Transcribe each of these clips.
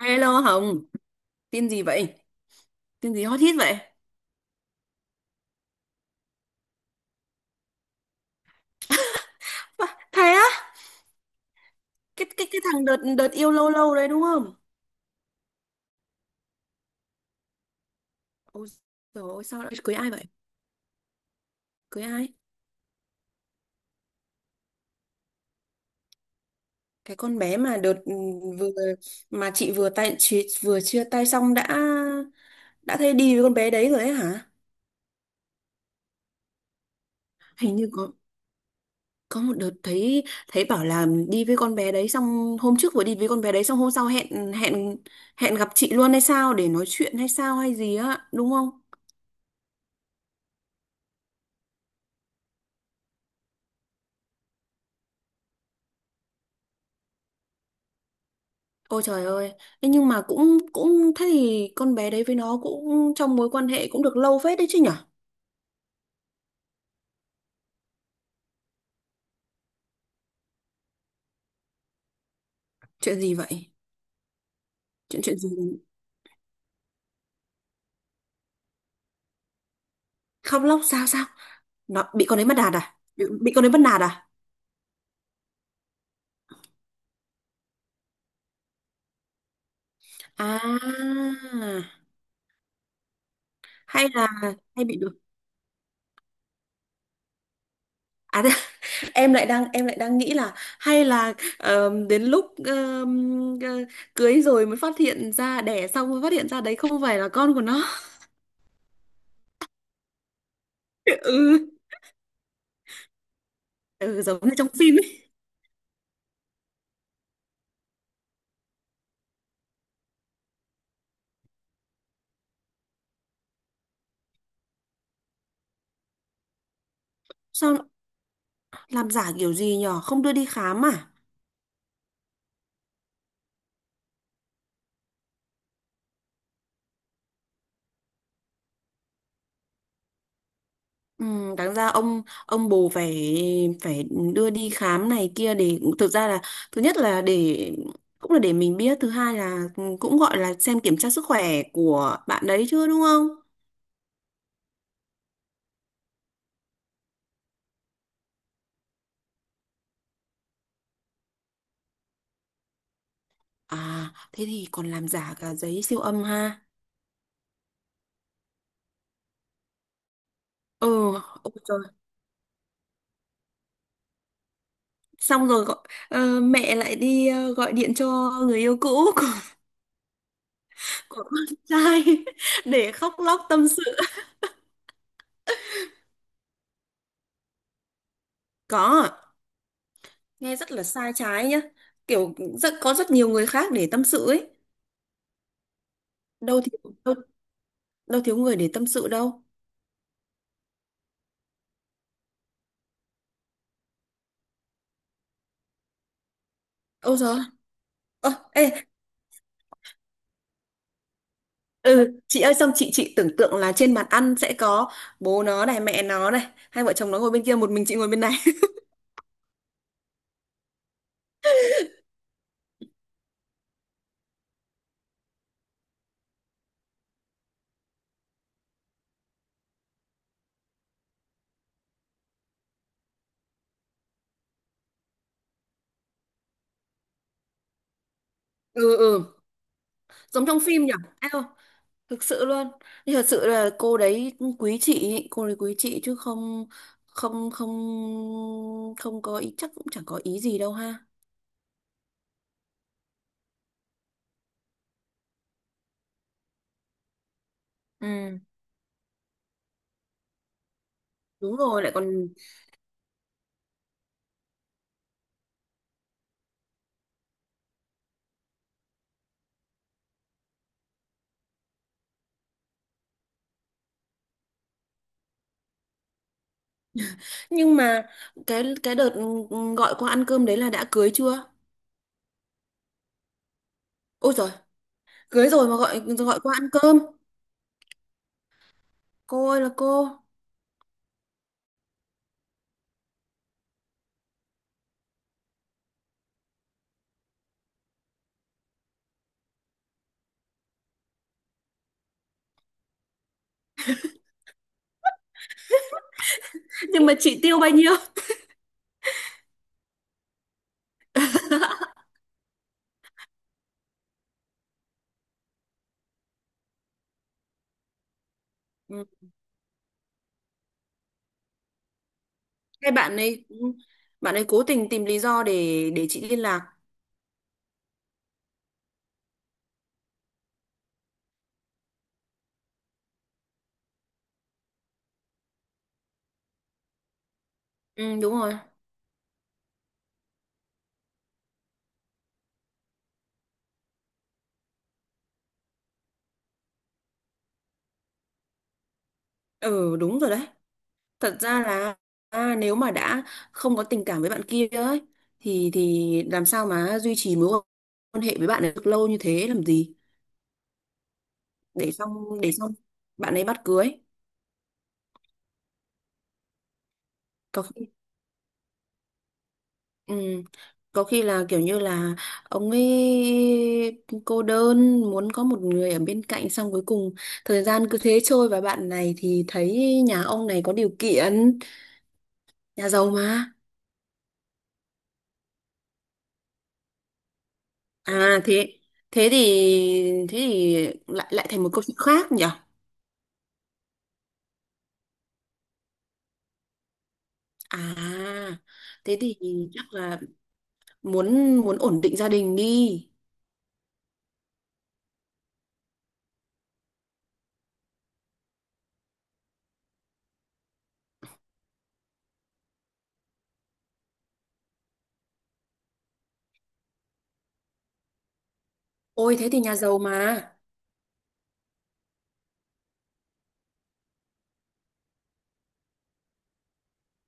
Hello Hồng, tin gì vậy? Tin gì hot hit vậy? Bà, thế á? Cái thằng đợt đợt yêu lâu lâu đấy đúng không? Ôi trời ơi, sao lại cưới ai vậy? Cưới ai? Cái con bé mà đợt vừa mà chị vừa tay chị vừa chia tay xong đã thấy đi với con bé đấy rồi ấy hả? Hình như có một đợt thấy thấy bảo là đi với con bé đấy xong hôm trước vừa đi với con bé đấy xong hôm sau hẹn hẹn hẹn gặp chị luôn hay sao để nói chuyện hay sao hay gì á, đúng không? Ôi trời ơi! Ê, nhưng mà cũng cũng thế thì con bé đấy với nó cũng trong mối quan hệ cũng được lâu phết đấy chứ nhở? Chuyện gì vậy? Chuyện chuyện gì? Khóc lóc sao sao? Nó bị con đấy bắt nạt à? Bị con đấy bắt nạt à? À, hay là hay bị được. À, thế- em lại đang nghĩ là hay là đến lúc cưới rồi mới phát hiện ra đẻ xong mới phát hiện ra đấy không phải là con của nó. Ừ, ừ giống như trong phim ấy. Sao Làm giả kiểu gì nhở? Không đưa đi khám à? Ừ, đáng ra ông bố phải phải đưa đi khám này kia để thực ra là thứ nhất là để cũng là để mình biết, thứ hai là cũng gọi là xem kiểm tra sức khỏe của bạn đấy chưa đúng không? À, thế thì còn làm giả cả giấy siêu âm ha. Ừ, ôi trời. Xong rồi gọi, mẹ lại đi gọi điện cho người yêu cũ của con trai để khóc lóc tâm sự. Có, nghe rất là sai trái nhá, kiểu rất nhiều người khác để tâm sự ấy, đâu thiếu đâu, đâu thiếu người để tâm sự đâu. Ôi giời, ơ ê, ừ chị ơi, xong chị tưởng tượng là trên bàn ăn sẽ có bố nó này mẹ nó này, hai vợ chồng nó ngồi bên kia, một mình chị ngồi bên này. Ừ, ừ giống trong phim nhỉ. Eo, thực sự luôn. Nhưng thật sự là cô đấy quý chị ý, cô đấy quý chị chứ không không không không có ý, chắc cũng chẳng có ý gì đâu ha. Ừ. Đúng rồi, lại còn... Nhưng mà cái đợt gọi qua ăn cơm đấy là đã cưới chưa? Ôi trời, cưới rồi mà gọi gọi qua ăn cơm. Cô ơi là cô. Nhưng mà chị tiêu bao nhiêu? Ừ. Cái bạn ấy ừ, Bạn ấy cố tình tìm lý do để chị liên lạc. Ừ đúng rồi. Ừ đúng rồi đấy. Thật ra là nếu mà đã không có tình cảm với bạn kia ấy thì làm sao mà duy trì mối quan hệ với bạn ấy được lâu như thế làm gì? Để xong bạn ấy bắt cưới. Ừ. Có khi là kiểu như là ông ấy cô đơn muốn có một người ở bên cạnh, xong cuối cùng thời gian cứ thế trôi và bạn này thì thấy nhà ông này có điều kiện, nhà giàu mà. À, thế thế thì thế thì lại lại thành một câu chuyện khác nhỉ. À, thế thì chắc là muốn muốn ổn định gia đình đi. Ôi thế thì nhà giàu mà.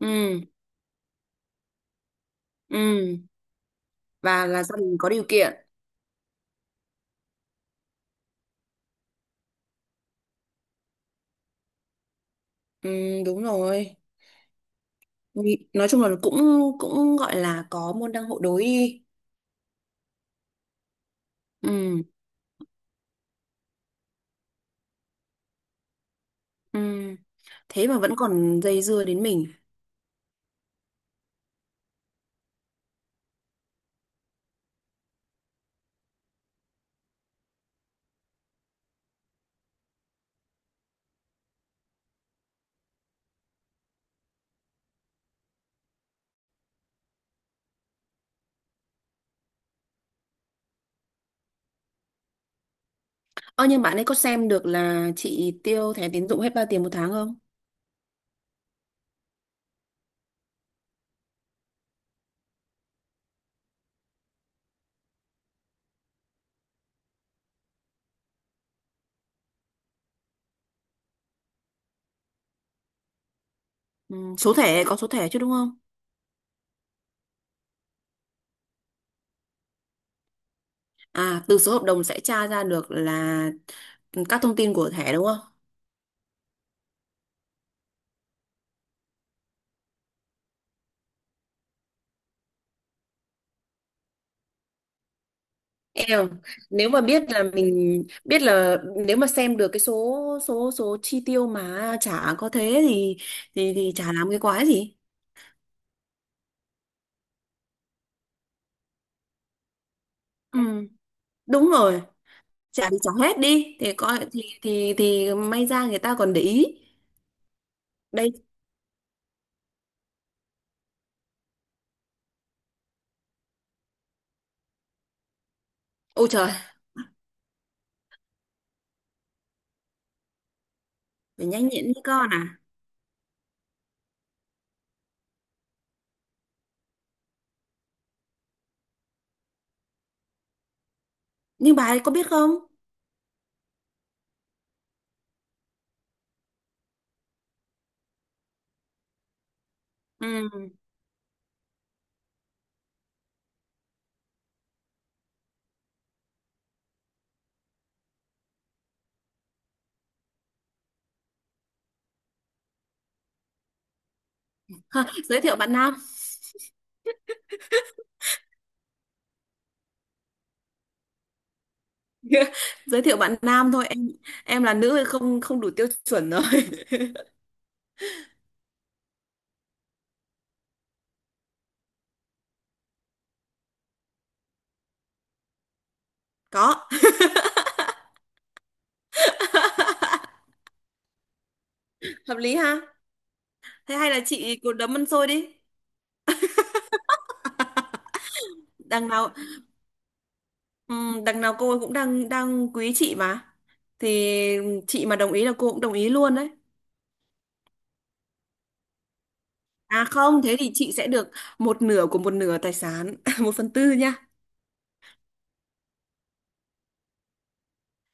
Ừ, ừ, và là gia đình có điều kiện. Ừ, đúng rồi. Nói chung là cũng cũng gọi là có môn đăng hộ đối đi. Ừ, ừ, thế mà vẫn còn dây dưa đến mình. Ơ nhưng bạn ấy có xem được là chị tiêu thẻ tín dụng hết bao tiền một tháng không? Ừ. Số thẻ, có số thẻ chứ đúng không? À, từ số hợp đồng sẽ tra ra được là các thông tin của thẻ đúng không? Em, nếu mà biết là mình biết là nếu mà xem được cái số số số chi tiêu mà chả có thế thì chả làm cái quái gì. Ừ, đúng rồi. Trả đi, trả hết đi thì coi thì may ra người ta còn để ý. Đây. Ôi trời, phải nhanh nhẹn như con à? Nhưng bà ấy có biết không? Ừ. Ha, giới thiệu bạn nam. Giới thiệu bạn nam thôi em là nữ thì không không đủ tiêu chuẩn rồi. Có. Hợp lý ha. Thế hay là chị cứ đấm ăn xôi đi. Đằng nào đằng nào cô ấy cũng đang đang quý chị mà, thì chị mà đồng ý là cô cũng đồng ý luôn đấy. À không, thế thì chị sẽ được một nửa của một nửa tài sản, một phần tư nha.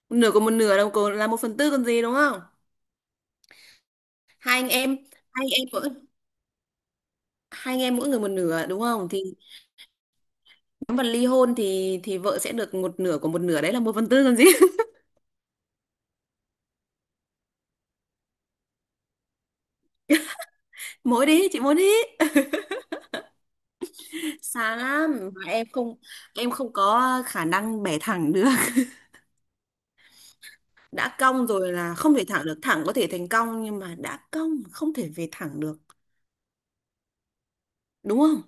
Một nửa của một nửa là là một phần tư còn gì đúng không? Hai anh em, hai anh em mỗi Hai anh em mỗi người một nửa đúng không? Thì nếu mà ly hôn thì vợ sẽ được một nửa của một nửa đấy là một phần tư còn gì? Mỗi đi, chị mỗi đi. Xa lắm, mà em không có khả năng bẻ thẳng được. Đã cong rồi là không thể thẳng được, thẳng có thể thành cong nhưng mà đã cong không thể về thẳng được, đúng không?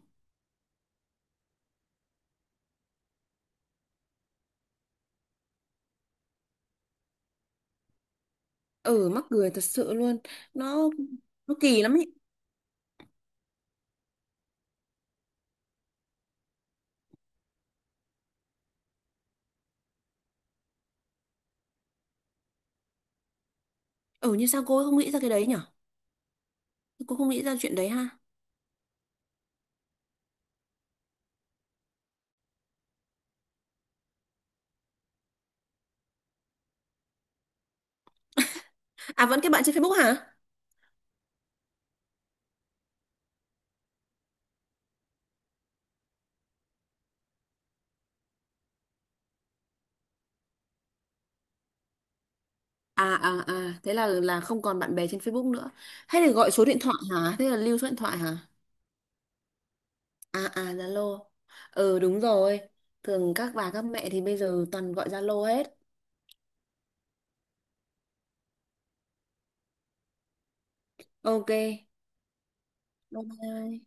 Ừ, mắc cười thật sự luôn. Nó nó kỳ lắm ấy. Ừ, như sao cô ấy không nghĩ ra cái đấy nhở? Cô không nghĩ ra chuyện đấy ha. À, vẫn cái bạn trên Facebook hả? À, thế là không còn bạn bè trên Facebook nữa. Hay là gọi số điện thoại hả? Thế là lưu số điện thoại hả? À, Zalo. Ừ, đúng rồi, thường các bà các mẹ thì bây giờ toàn gọi Zalo hết. OK, bye bye.